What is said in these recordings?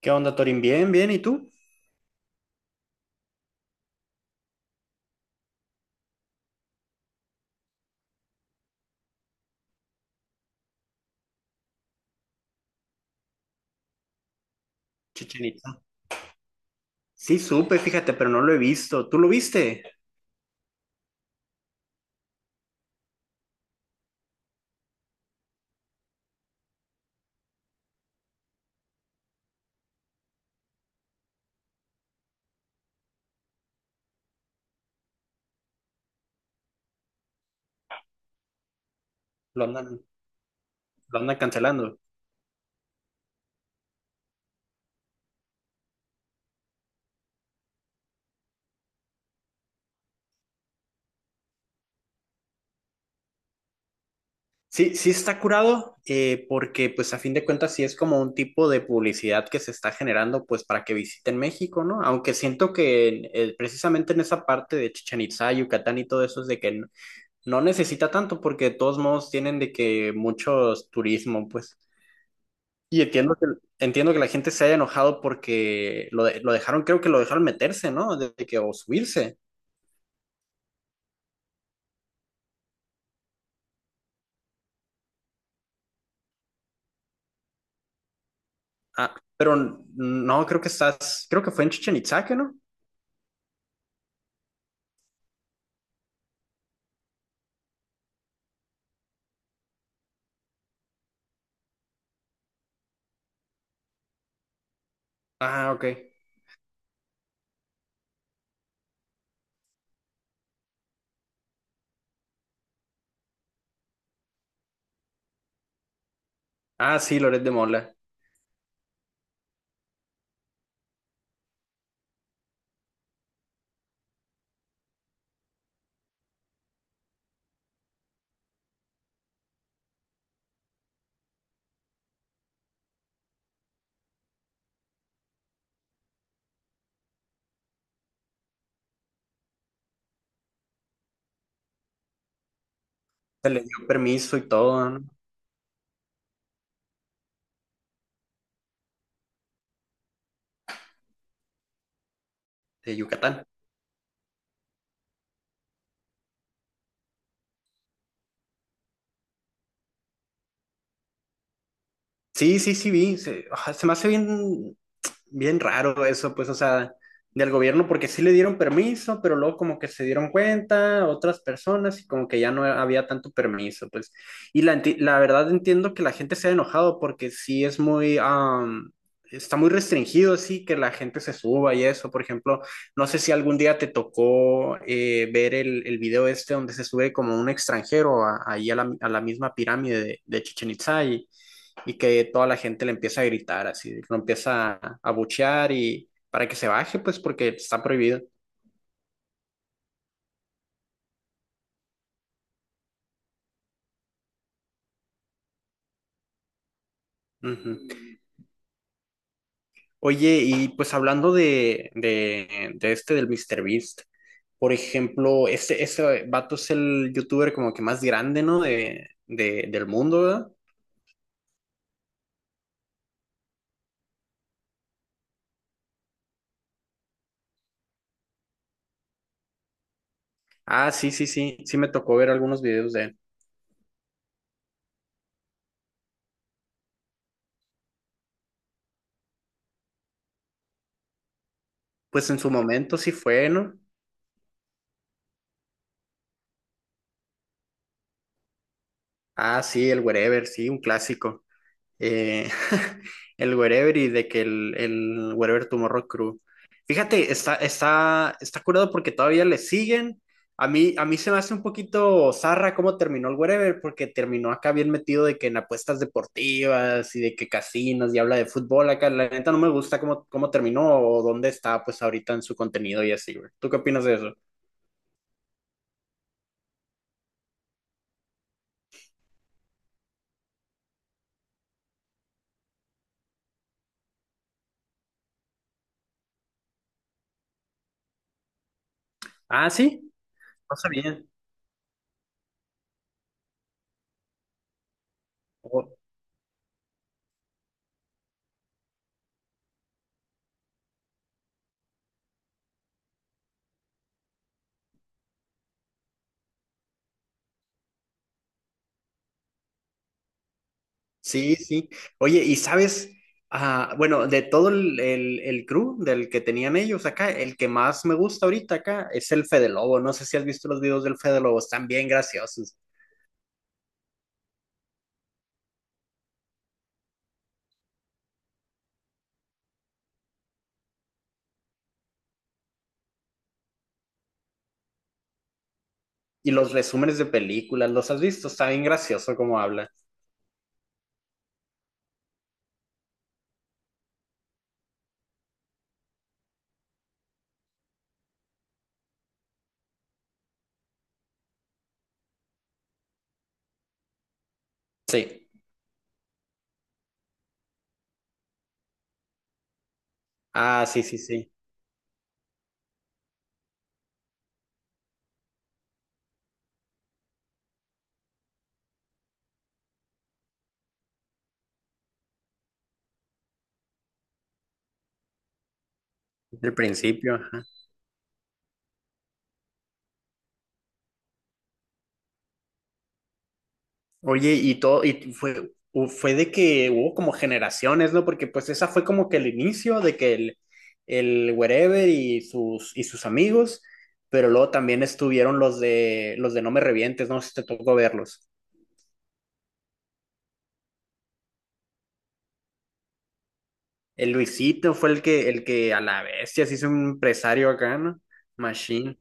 ¿Qué onda, Torín? Bien, bien, ¿y tú? Chichenita. Sí, supe, fíjate, pero no lo he visto. ¿Tú lo viste? Lo andan, lo andan cancelando. Sí, sí está curado, porque pues a fin de cuentas sí es como un tipo de publicidad que se está generando pues para que visiten México, ¿no? Aunque siento que precisamente en esa parte de Chichén Itzá, Yucatán y todo eso es de que no necesita tanto porque de todos modos tienen de que muchos turismo, pues. Y entiendo que, entiendo que la gente se haya enojado porque lo dejaron, creo que lo dejaron meterse, ¿no? De que o subirse. Ah, pero no, creo que fue en Chichen Itzá, ¿que ¿no? Ah, ok. Ah, sí, Loret de Mola. Se le dio permiso y todo, ¿no? De Yucatán. Sí, sí, sí, vi. Se me hace bien raro eso, pues, o sea, del gobierno, porque sí le dieron permiso, pero luego como que se dieron cuenta otras personas y como que ya no había tanto permiso, pues. La verdad entiendo que la gente se ha enojado porque sí es está muy restringido, sí, que la gente se suba y eso. Por ejemplo, no sé si algún día te tocó ver el video este donde se sube como un extranjero ahí a a la misma pirámide de Chichén Itzá y que toda la gente le empieza a gritar, así, lo empieza a abuchear y para que se baje, pues porque está prohibido. Ujú. Oye, y pues hablando de este del míster Beast, por ejemplo, ese vato es el youtuber como que más grande, ¿no? Del mundo, ¿verdad? Ah, sí, sí, sí, sí me tocó ver algunos videos de él. Pues en su momento sí fue, ¿no? Ah, sí, el Wherever, sí, un clásico. Eh, el Wherever y de que el Wherever Tomorrow Crew. Fíjate, está curado porque todavía le siguen. A mí se me hace un poquito zarra cómo terminó el Wherever, porque terminó acá bien metido de que en apuestas deportivas y de que casinos y habla de fútbol acá. La neta no me gusta cómo terminó o dónde está pues ahorita en su contenido y así, güey. ¿Tú qué opinas de eso? Ah, sí, pasa bien. Sí, sí. Oye, y sabes, bueno, de todo el crew del que tenían ellos acá, el que más me gusta ahorita acá es el Fede Lobo. No sé si has visto los videos del Fede Lobo, están bien graciosos. Y los resúmenes de películas, ¿los has visto? Está bien gracioso como habla. Sí. Ah, sí, sí, sí. Del principio. Oye, y todo, y fue, u- fue de que hubo como generaciones, ¿no? Porque pues esa fue como que el inicio de que el Wherever y y sus amigos, pero luego también estuvieron los de No Me Revientes, no sé si te tocó verlos. El Luisito fue el que a la bestia se hizo un empresario acá, ¿no? Machine.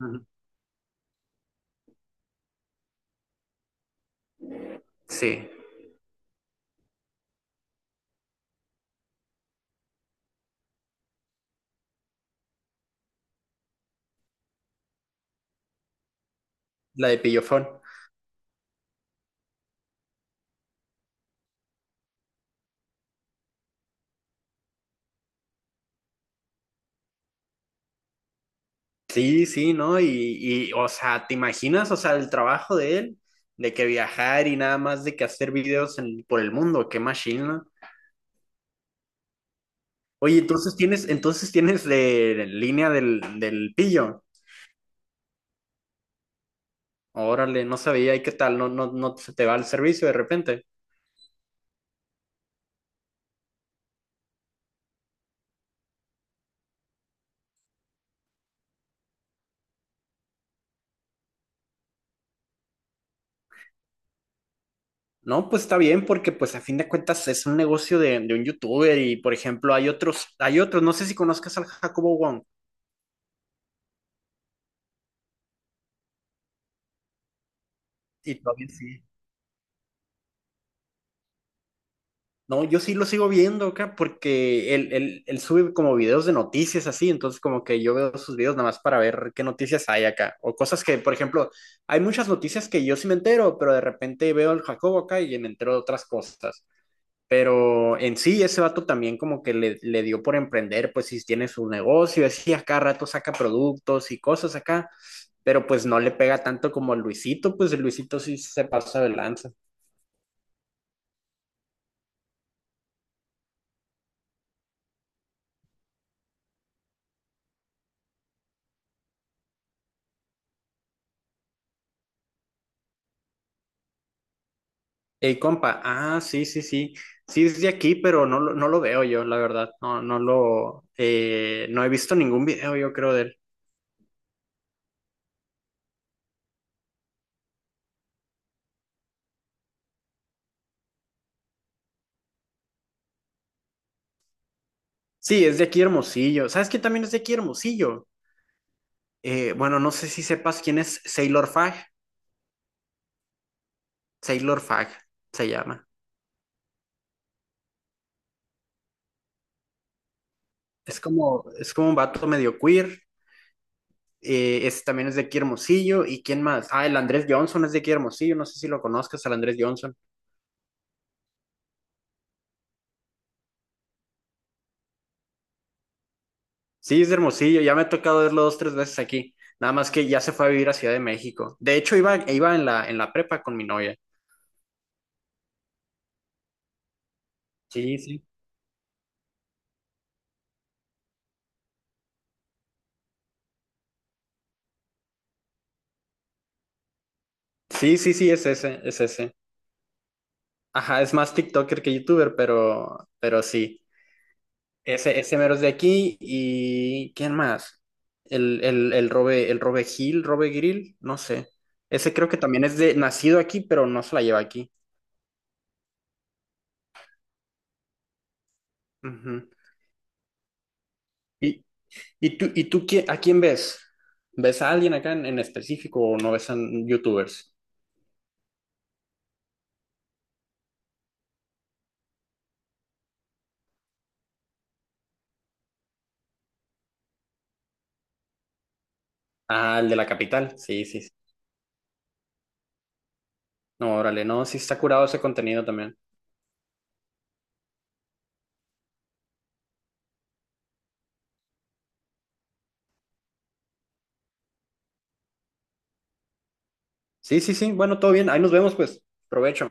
Ujú. Sí, la de Pillofón. Sí, sí, ¿no? Y, o sea, ¿te imaginas, o sea, el trabajo de él, de que viajar y nada más de que hacer videos por el mundo, qué machine, ¿no? Oye, entonces tienes línea del pillo. Órale, no sabía, ¿y qué tal? No se te va el servicio de repente. No, pues está bien, porque pues a fin de cuentas es un negocio de un youtuber y, por ejemplo, hay otros, no sé si conozcas al Jacobo Wong. Y todavía sí. No, yo sí lo sigo viendo acá porque él sube como videos de noticias así, entonces como que yo veo sus videos nada más para ver qué noticias hay acá, o cosas que, por ejemplo, hay muchas noticias que yo sí me entero, pero de repente veo al Jacobo acá y me entero de otras cosas, pero en sí ese vato también como que le dio por emprender, pues si tiene su negocio, así acá rato saca productos y cosas acá, pero pues no le pega tanto como el Luisito, pues el Luisito sí se pasa de lanza. Ey, compa, ah, sí, sí, sí, sí es de aquí, pero no lo veo yo, la verdad, no he visto ningún video, yo creo, de él. Sí, es de aquí Hermosillo, ¿sabes quién también es de aquí Hermosillo? Bueno, no sé si sepas quién es Sailor Fag, Sailor Fag se llama, es como un vato medio queer, ese también es de aquí Hermosillo, ¿y quién más? Ah, el Andrés Johnson es de aquí Hermosillo, no sé si lo conozcas, al Andrés Johnson. Sí, es de Hermosillo, ya me ha tocado verlo dos, tres veces aquí. Nada más que ya se fue a vivir a Ciudad de México. De hecho, iba en en la prepa con mi novia. Sí, sí. Sí, sí, sí, es ese. Ajá, es más TikToker que YouTuber, pero sí. Ese mero es de aquí. ¿Y quién más? El Robe, Robe Grill, no sé. Ese creo que también es de nacido aquí, pero no se la lleva aquí. Ujú. Y, ¿y tú, a quién ves? ¿Ves a alguien acá en específico o no ves a youtubers? Ah, el de la capital. Sí, sí, sí. No, órale, no, sí está curado ese contenido también. Sí, sí, sí. Bueno, todo bien. Ahí nos vemos, pues. Provecho.